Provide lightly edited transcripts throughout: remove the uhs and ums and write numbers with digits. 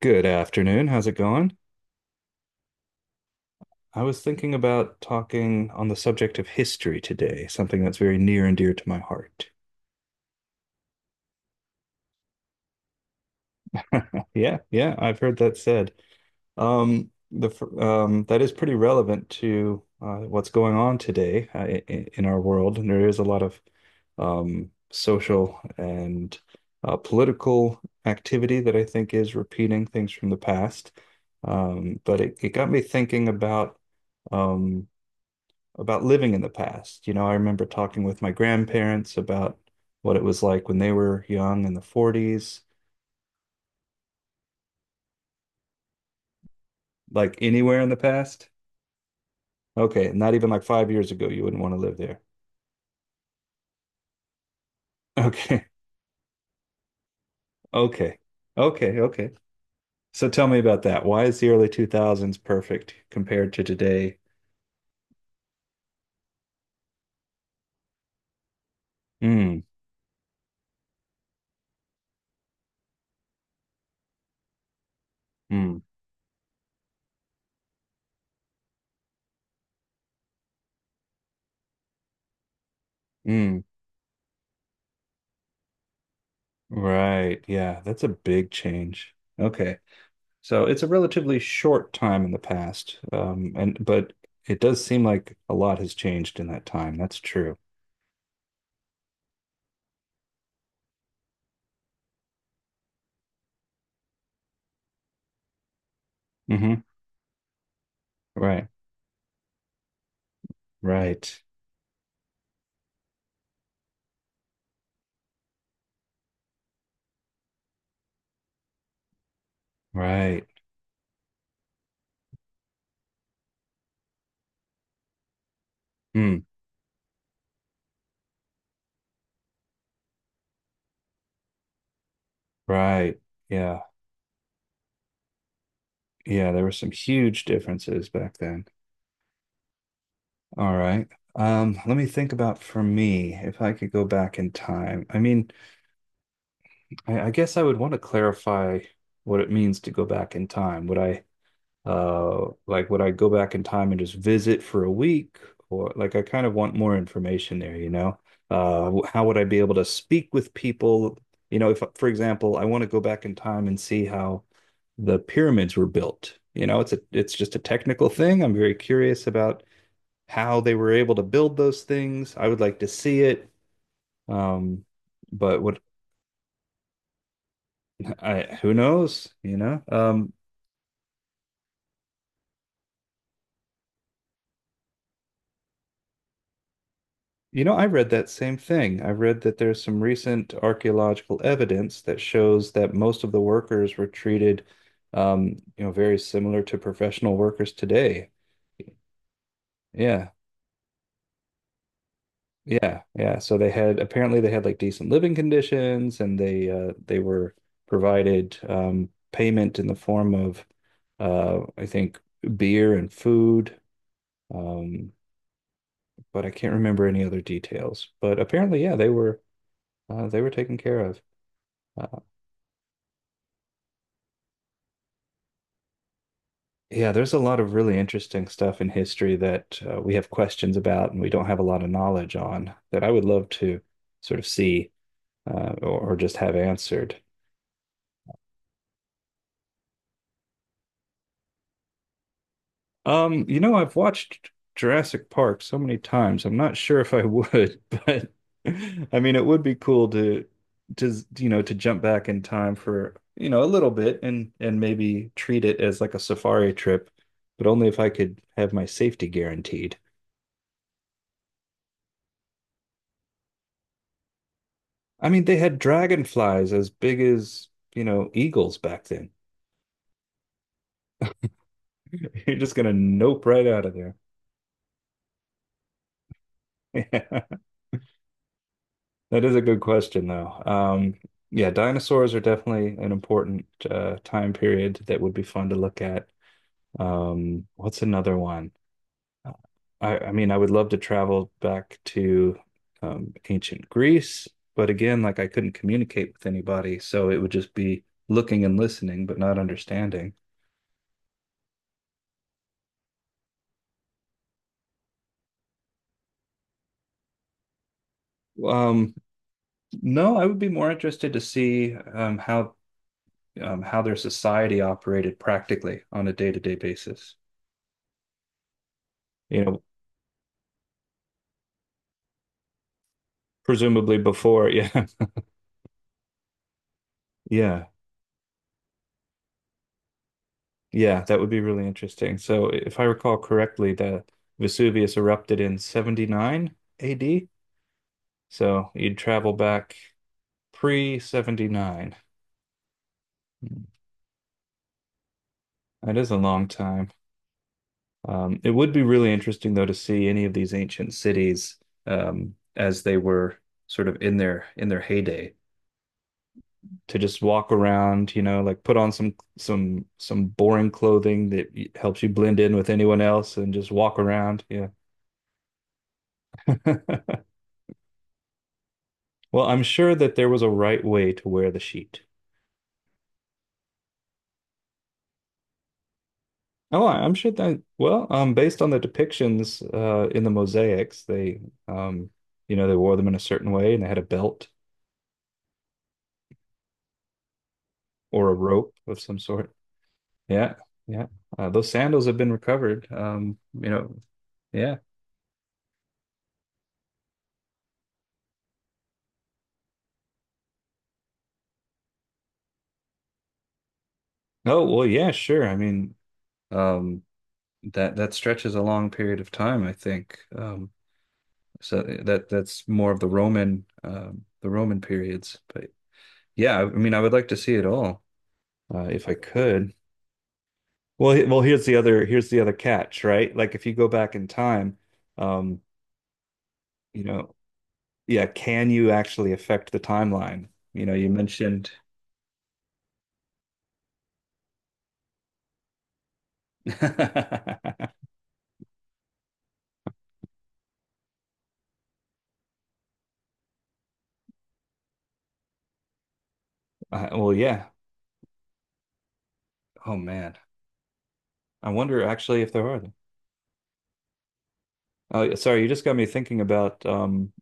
Good afternoon. How's it going? I was thinking about talking on the subject of history today, something that's very near and dear to my heart. Yeah, yeah, I've heard that said. That is pretty relevant to what's going on today, in our world, and there is a lot of social and political activity that I think is repeating things from the past. But it got me thinking about, Um, about living in the past. You know, I remember talking with my grandparents about what it was like when they were young in the 40s, like anywhere in the past. Okay, not even like 5 years ago, you wouldn't want to live there. Okay, okay, okay. So tell me about that. Why is the early 2000s perfect compared to today? Mm, mm, mm. Right. Yeah, that's a big change. Okay. So it's a relatively short time in the past, and but it does seem like a lot has changed in that time. That's true. Hmm. Right, right, right. Hmm. Right. Yeah, yeah. There were some huge differences back then. All right. Let me think. About for me, if I could go back in time. I mean, I guess I would want to clarify what it means to go back in time. Would I? Like would I go back in time and just visit for a week? Or like I kind of want more information there, you know? How would I be able to speak with people? You know, if for example, I want to go back in time and see how the pyramids were built. You know, it's just a technical thing. I'm very curious about how they were able to build those things. I would like to see it. Um, but what? I Who knows, you know? You know, I read that same thing. I read that there's some recent archaeological evidence that shows that most of the workers were treated, um, you know, very similar to professional workers today. Yeah, yeah. So they had, apparently they had like decent living conditions, and they, they were provided, payment in the form of, I think, beer and food. Um, but I can't remember any other details. But apparently, yeah, they were, they were taken care of. Uh, Yeah, there's a lot of really interesting stuff in history that, we have questions about and we don't have a lot of knowledge on that I would love to sort of see, or just have answered. You know, I've watched Jurassic Park so many times. I'm not sure if I would, but I mean, it would be cool to, to jump back in time for, a little bit, and maybe treat it as like a safari trip, but only if I could have my safety guaranteed. I mean, they had dragonflies as big as, you know, eagles back then. You're just gonna nope right out of there. Yeah, that is a good question, though. Yeah, dinosaurs are definitely an important, time period that would be fun to look at. What's another one? Uh, I mean, I would love to travel back to, ancient Greece, but again, like I couldn't communicate with anybody, so it would just be looking and listening, but not understanding. Um, No, I would be more interested to see, how their society operated practically on a day-to-day basis. You know, presumably before. Yeah. Yeah. Yeah. That would be really interesting. So if I recall correctly, the Vesuvius erupted in 79 AD. So you'd travel back pre-79. That is a long time. It would be really interesting though to see any of these ancient cities, as they were sort of in their heyday. To just walk around, you know, like put on some, boring clothing that helps you blend in with anyone else and just walk around. Yeah. Well, I'm sure that there was a right way to wear the sheet. Oh, I'm sure that, well, based on the depictions, in the mosaics, they, um, you know, they wore them in a certain way and they had a belt or a rope of some sort. Yeah. Yeah. Those sandals have been recovered. You know, yeah. Oh, well, yeah, sure. I mean, um, that that stretches a long period of time, I think. So that that's more of the Roman, the Roman periods. But yeah, I mean, I would like to see it all, if I could. Well, here's the other, here's the other catch, right? Like if you go back in time, um, you know, yeah, can you actually affect the timeline? You know, you mentioned, uh, well, yeah. Oh man, I wonder actually if there are. Oh, sorry, you just got me thinking about,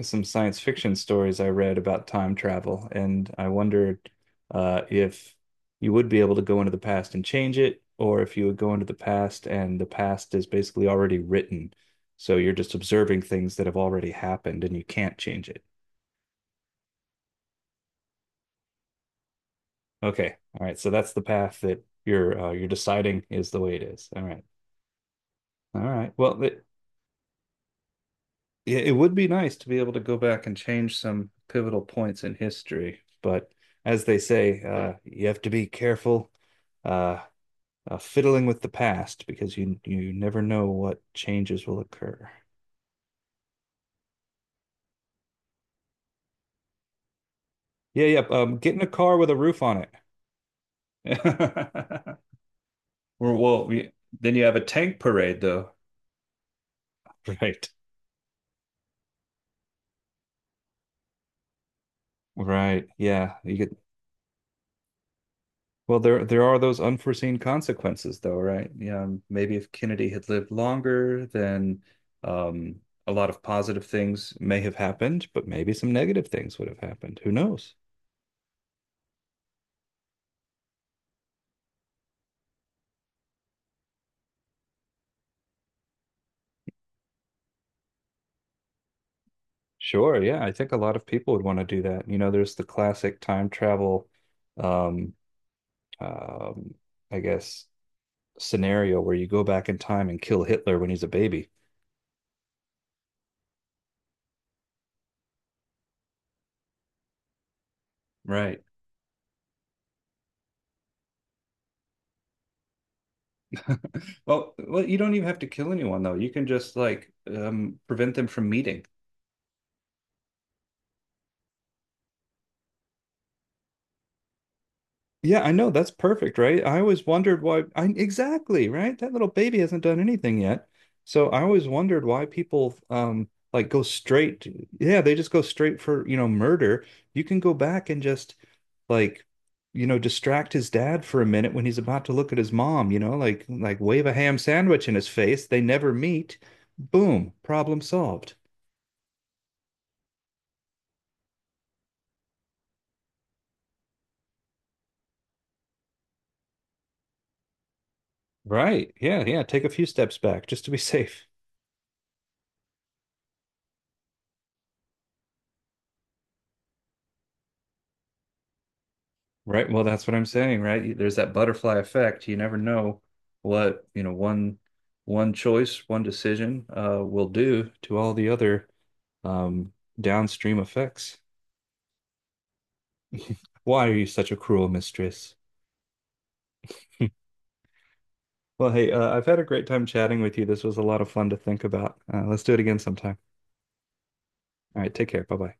some science fiction stories I read about time travel, and I wondered, if you would be able to go into the past and change it, or if you would go into the past and the past is basically already written. So you're just observing things that have already happened and you can't change it. Okay. All right. So that's the path that you're, you're deciding is the way it is. All right. All right. Well, yeah, it would be nice to be able to go back and change some pivotal points in history, but as they say, you have to be careful, uh, fiddling with the past because you never know what changes will occur. Yeah, yeah. Get in a car with a roof on it. Or well, we, then you have a tank parade, though. Right. Right. Yeah, you get. Well, there are those unforeseen consequences, though, right? Yeah, maybe if Kennedy had lived longer, then, a lot of positive things may have happened, but maybe some negative things would have happened. Who knows? Sure, yeah, I think a lot of people would want to do that. You know, there's the classic time travel, um, um, I guess, scenario where you go back in time and kill Hitler when he's a baby. Right. Well, well, you don't even have to kill anyone though. You can just like, prevent them from meeting. Yeah, I know. That's perfect, right? I always wondered why I, exactly, right? That little baby hasn't done anything yet. So I always wondered why people, like go straight. Yeah, they just go straight for, you know, murder. You can go back and just like, you know, distract his dad for a minute when he's about to look at his mom, you know, like, wave a ham sandwich in his face. They never meet. Boom, problem solved. Right. Yeah, yeah. Take a few steps back just to be safe. Right. Well, that's what I'm saying, right? There's that butterfly effect. You never know what, you know, one choice, one decision, will do to all the other, um downstream effects. Why are you such a cruel mistress? Well, hey, I've had a great time chatting with you. This was a lot of fun to think about. Let's do it again sometime. All right, take care. Bye-bye.